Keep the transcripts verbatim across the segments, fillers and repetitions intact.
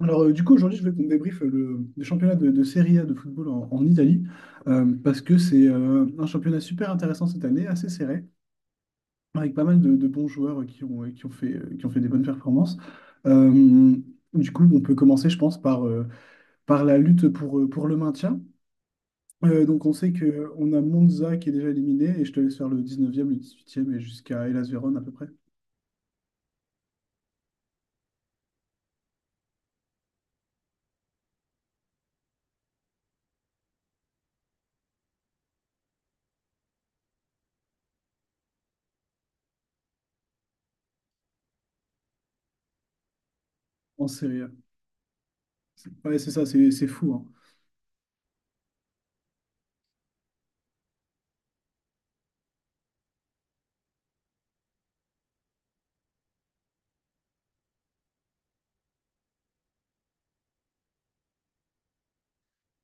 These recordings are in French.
Alors, euh, du coup, aujourd'hui, je veux qu'on débriefe le, le championnat de, de Serie A de football en, en Italie, euh, parce que c'est euh, un championnat super intéressant cette année, assez serré, avec pas mal de, de bons joueurs euh, qui ont, euh, qui ont fait, euh, qui ont fait des bonnes performances. Euh, du coup, on peut commencer, je pense, par, euh, par la lutte pour, euh, pour le maintien. Euh, donc, on sait que on a Monza qui est déjà éliminé, et je te laisse faire le dix-neuvième, le dix-huitième, et jusqu'à Hellas Vérone à peu près, en Serie A. C'est- Ouais, c'est ça, c'est c'est fou, hein.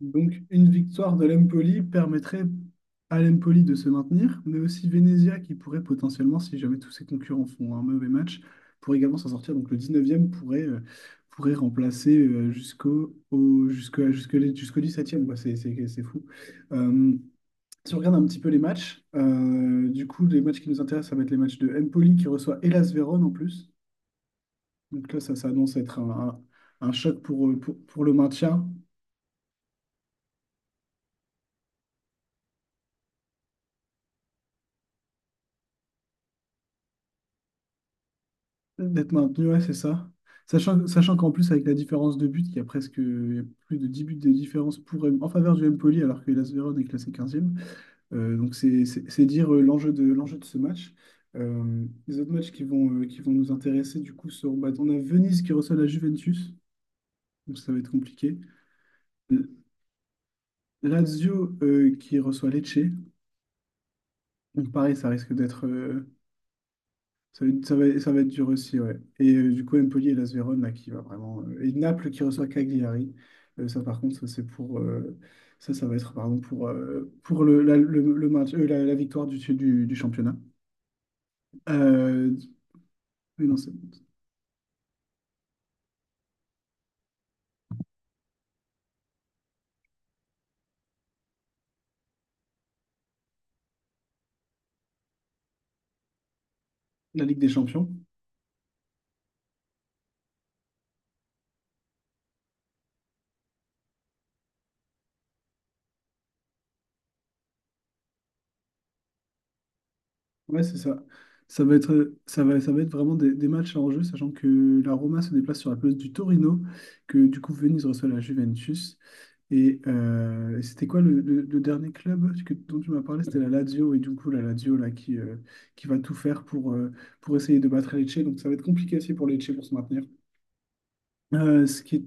Donc, une victoire de l'Empoli permettrait à l'Empoli de se maintenir, mais aussi Venezia qui pourrait potentiellement, si jamais tous ses concurrents font un mauvais match, pourrait également s'en sortir. Donc, le dix-neuvième pourrait, euh, pourrait remplacer euh, jusqu'au au- jusqu'à- jusque les- jusqu'au dix-septième. Quoi. C'est c'est- c'est fou. Euh, si on regarde un petit peu les matchs, euh, du coup, les matchs qui nous intéressent, ça va être les matchs de Empoli qui reçoit Hellas Vérone en plus. Donc là, ça s'annonce être un, un- un choc pour, euh, pour, pour le maintien. D'être maintenu, ouais, c'est ça. Sachant, sachant qu'en plus, avec la différence de but, il y a presque il y a plus de dix buts de différence pour, en faveur du Empoli, alors que l'A S Verona est classé quinzième. Euh, donc, c'est c'est- c'est dire euh, l'enjeu de, l'enjeu de ce match. Euh, les autres matchs qui vont, euh, qui vont nous intéresser, du coup, seront bah, on a Venise qui reçoit la Juventus, donc ça va être compliqué. Euh, Lazio euh, qui reçoit Lecce, donc pareil, ça risque d'être. euh, Ça va être, ça va, ça va être dur aussi, ouais. Et euh, du coup, Empoli et Las Vérone, là, qui va vraiment. euh, et Naples qui reçoit Cagliari. Euh, ça, par contre, ça, c'est pour. euh, ça, ça va être, pardon, pour, euh, pour le, la, le, le maintien- euh, la, la victoire du, du, du championnat. Euh, mais non, c'est la Ligue des Champions. Ouais, c'est ça. Ça va être, ça va, ça va être vraiment des, des matchs à enjeu, sachant que la Roma se déplace sur la place du Torino, que du coup, Venise reçoit la Juventus. Et euh, c'était quoi le, le- le dernier club que- dont tu m'as parlé? C'était la Lazio. Et du coup, la Lazio là, qui, euh, qui va tout faire pour, euh, pour essayer de battre Lecce. Donc ça va être compliqué aussi pour Lecce pour se maintenir. Euh, ce qui est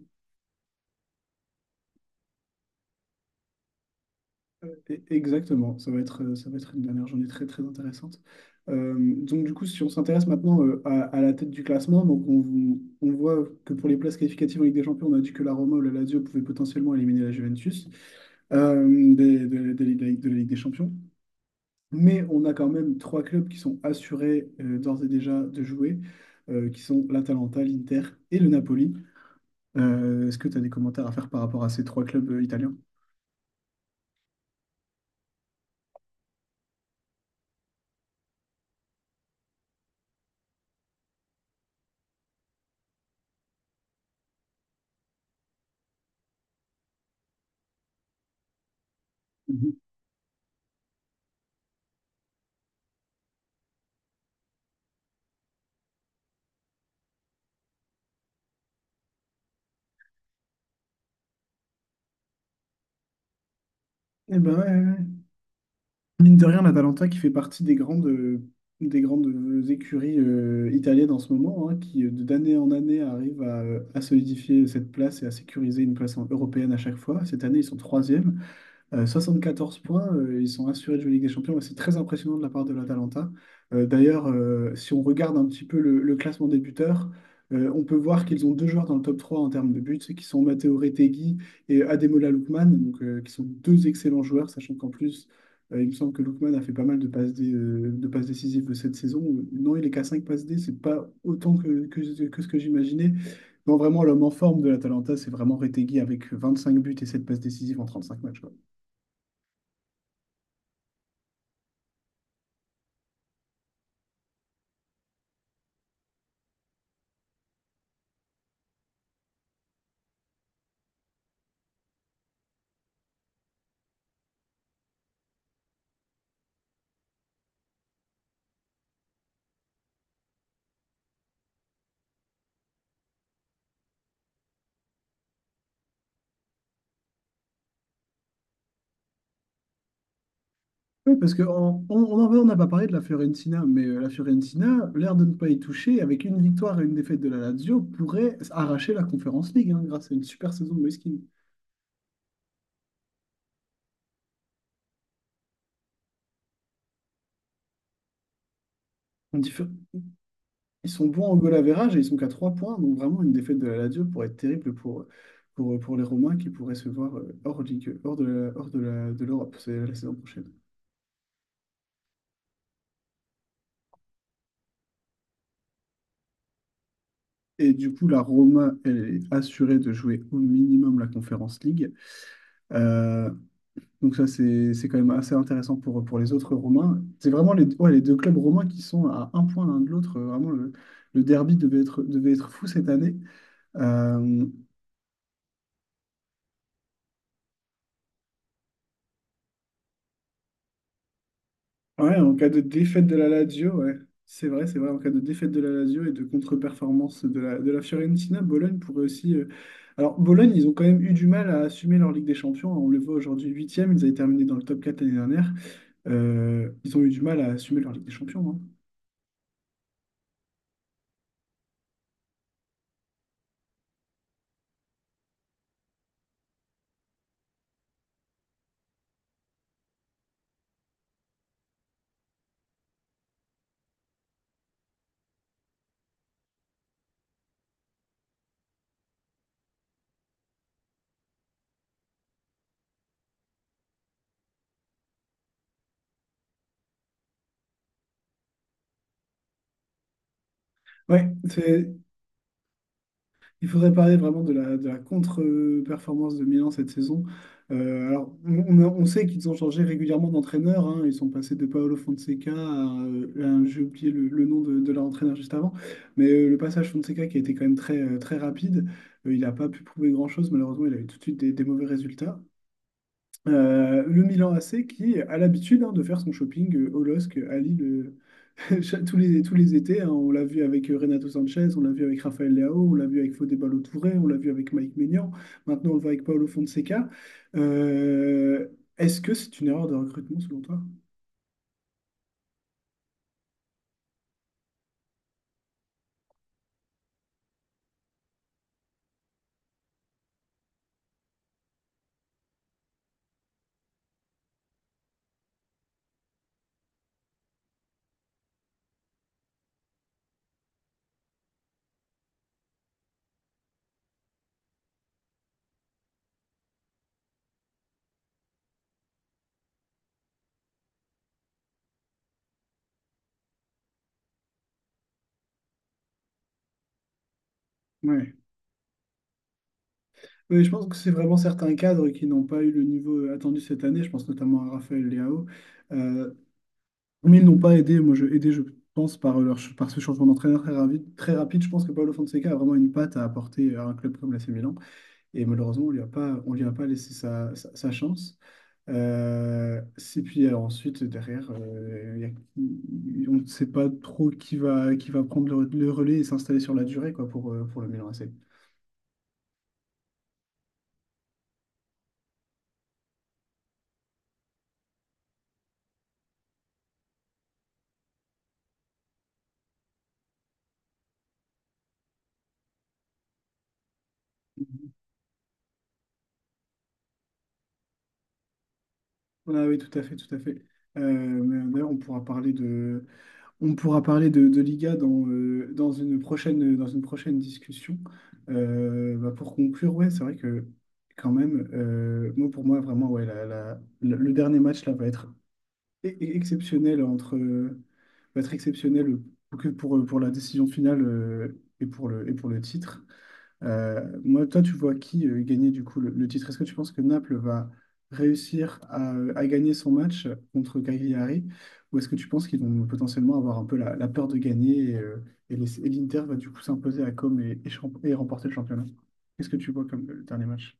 e- Exactement, ça va être, euh, ça va être une dernière journée très très intéressante. Euh, donc du coup, si on s'intéresse maintenant euh, à, à la tête du classement, donc on, on voit que pour les places qualificatives en Ligue des Champions, on a dit que la Roma ou la Lazio pouvaient potentiellement éliminer la Juventus euh, des- de, de de la Ligue de la Ligue des Champions. Mais on a quand même trois clubs qui sont assurés euh, d'ores et déjà de jouer, euh, qui sont l'Atalanta, l'Inter et le Napoli. Euh, est-ce que tu as des commentaires à faire par rapport à ces trois clubs euh, italiens? Mhm. Eh ben ouais, ouais, ouais. Mine de rien, l'Atalanta qui fait partie des grandes, euh, des grandes euh, écuries euh, italiennes en ce moment, hein, qui euh, d'année en année arrivent à, euh, à solidifier cette place et à sécuriser une place en- européenne à chaque fois. Cette année, ils sont troisième. Euh, soixante-quatorze points, euh, ils sont assurés de jouer Ligue des Champions. Et c'est très impressionnant de la part de l'Atalanta. Euh, d'ailleurs, euh, si on regarde un petit peu le, le classement des buteurs, euh, on peut voir qu'ils ont deux joueurs dans le top trois en termes de buts, qui sont Matteo Retegui et Ademola Lookman, donc, euh, qui sont deux excellents joueurs, sachant qu'en plus, euh, il me semble que Lookman a fait pas mal de passes, dé- euh, de passes décisives de cette saison. Euh, Non, il est qu'à cinq passes D, c'est pas autant que, que, que ce que j'imaginais. Non, vraiment, l'homme en forme de l'Atalanta, c'est vraiment Retegui avec vingt-cinq buts et sept passes décisives en trente-cinq matchs. Quoi. Oui, parce que en- on, on, en vrai, on n'a pas parlé de la Fiorentina, mais euh, la Fiorentina, l'air de ne pas y toucher, avec une victoire et une défaite de la Lazio, pourrait arracher la Conference League hein, grâce à une super saison de Moïskine. On dit- Ils sont bons en goal average et ils sont qu'à trois points, donc vraiment une défaite de la Lazio pourrait être terrible pour, pour, pour les Romains qui pourraient se voir euh, hors ligue, hors de la- hors de la- de l'Europe c'est la saison prochaine. Et du coup, la Roma, elle est assurée de jouer au minimum la Conference League. Euh, Donc ça, c'est c'est quand même assez intéressant pour, pour les autres Romains. C'est vraiment les, ouais, les deux clubs romains qui sont à un point l'un de l'autre. Vraiment, le, le derby devait être, devait être fou cette année. Euh, ouais, en cas de défaite de la Lazio, ouais. C'est vrai, c'est vrai. En cas de défaite de la Lazio et de contre-performance de la, de la Fiorentina, Bologne pourrait aussi... euh, Alors, Bologne, ils ont quand même eu du mal à assumer leur Ligue des Champions. On le voit aujourd'hui huitième. Ils avaient terminé dans le top quatre l'année dernière. Euh, ils ont eu du mal à assumer leur Ligue des Champions. Hein. Ouais, c'est Il faudrait parler vraiment de la, de la contre-performance de Milan cette saison. Euh, alors, on, on a- on sait qu'ils ont changé régulièrement d'entraîneur. Hein. Ils sont passés de Paolo Fonseca à, euh, à- j'ai oublié le, le nom de, de leur entraîneur juste avant. Mais euh, le passage Fonseca qui a été quand même très, euh, très rapide, euh, il n'a pas pu prouver grand-chose. Malheureusement, il a eu tout de suite des, des mauvais résultats. Euh, le Milan A C qui a l'habitude hein, de faire son shopping euh, au L O S C à Lille euh, Tous les, tous les étés, hein, on l'a vu avec euh, Renato Sanchez, on l'a vu avec Raphaël Leao, on l'a vu avec Fodé Ballo-Touré, on l'a vu avec Mike Maignan, maintenant on le voit avec Paolo Fonseca. Euh, est-ce que c'est une erreur de recrutement selon toi? Ouais. Oui, je pense que c'est vraiment certains cadres qui n'ont pas eu le niveau euh, attendu cette année, je pense notamment à Raphaël Leao. Euh, mais ils n'ont pas aidé, moi je, aidé je pense par, euh, leur, ch- par ce changement d'entraîneur très, ravi- très rapide, je pense que Paolo Fonseca a vraiment une patte à apporter à un club comme l'A C Milan. Et malheureusement, on lui a pas, on lui a pas laissé sa, sa- sa chance. Euh, c'est puis alors, ensuite, derrière, euh, y a- on ne sait pas trop qui va, qui va prendre le, le relais et s'installer sur la durée quoi, pour, euh, pour le Milan A C. Ah oui, tout à fait, tout à fait. Euh, mais d'ailleurs, on pourra parler de, on pourra parler de, de Liga dans, euh, dans une prochaine, dans une prochaine discussion. Euh, bah, pour conclure, ouais, c'est vrai que quand même, euh, moi, pour moi, vraiment, ouais, la- la- le le dernier match là va être e- e- exceptionnel entre euh, va être exceptionnel que pour, euh, pour la décision finale euh, et pour le, et pour le titre. Euh, moi, toi, tu vois qui euh, gagner du coup le, le titre? Est-ce que tu penses que Naples va réussir à, à gagner son match contre Cagliari ou est-ce que tu penses qu'ils vont potentiellement avoir un peu la, la peur de gagner et, euh, et laisser- et l'Inter va du coup s'imposer à Comme et, et champ- et remporter le championnat? Qu'est-ce que tu vois comme euh, dernier match?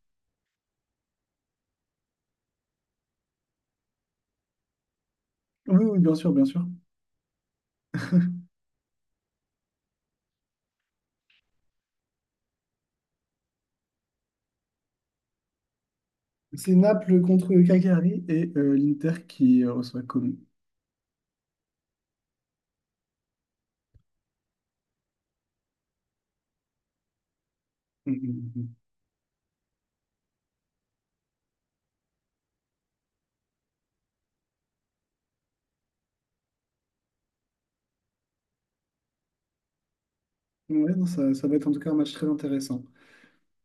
Oui, oui, bien sûr, bien sûr. C'est Naples contre Cagliari et euh, l'Inter qui euh, reçoit Como. Mm, mm, mm. mm. Ouais, non, ça, ça va être en tout cas un match très intéressant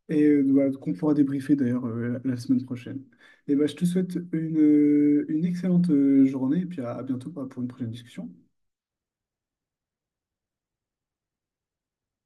et euh, voilà, qu'on pourra débriefer d'ailleurs euh, la, la semaine prochaine. Et bah je te souhaite une, euh, une excellente euh, journée et puis à à bientôt bah, pour une prochaine discussion.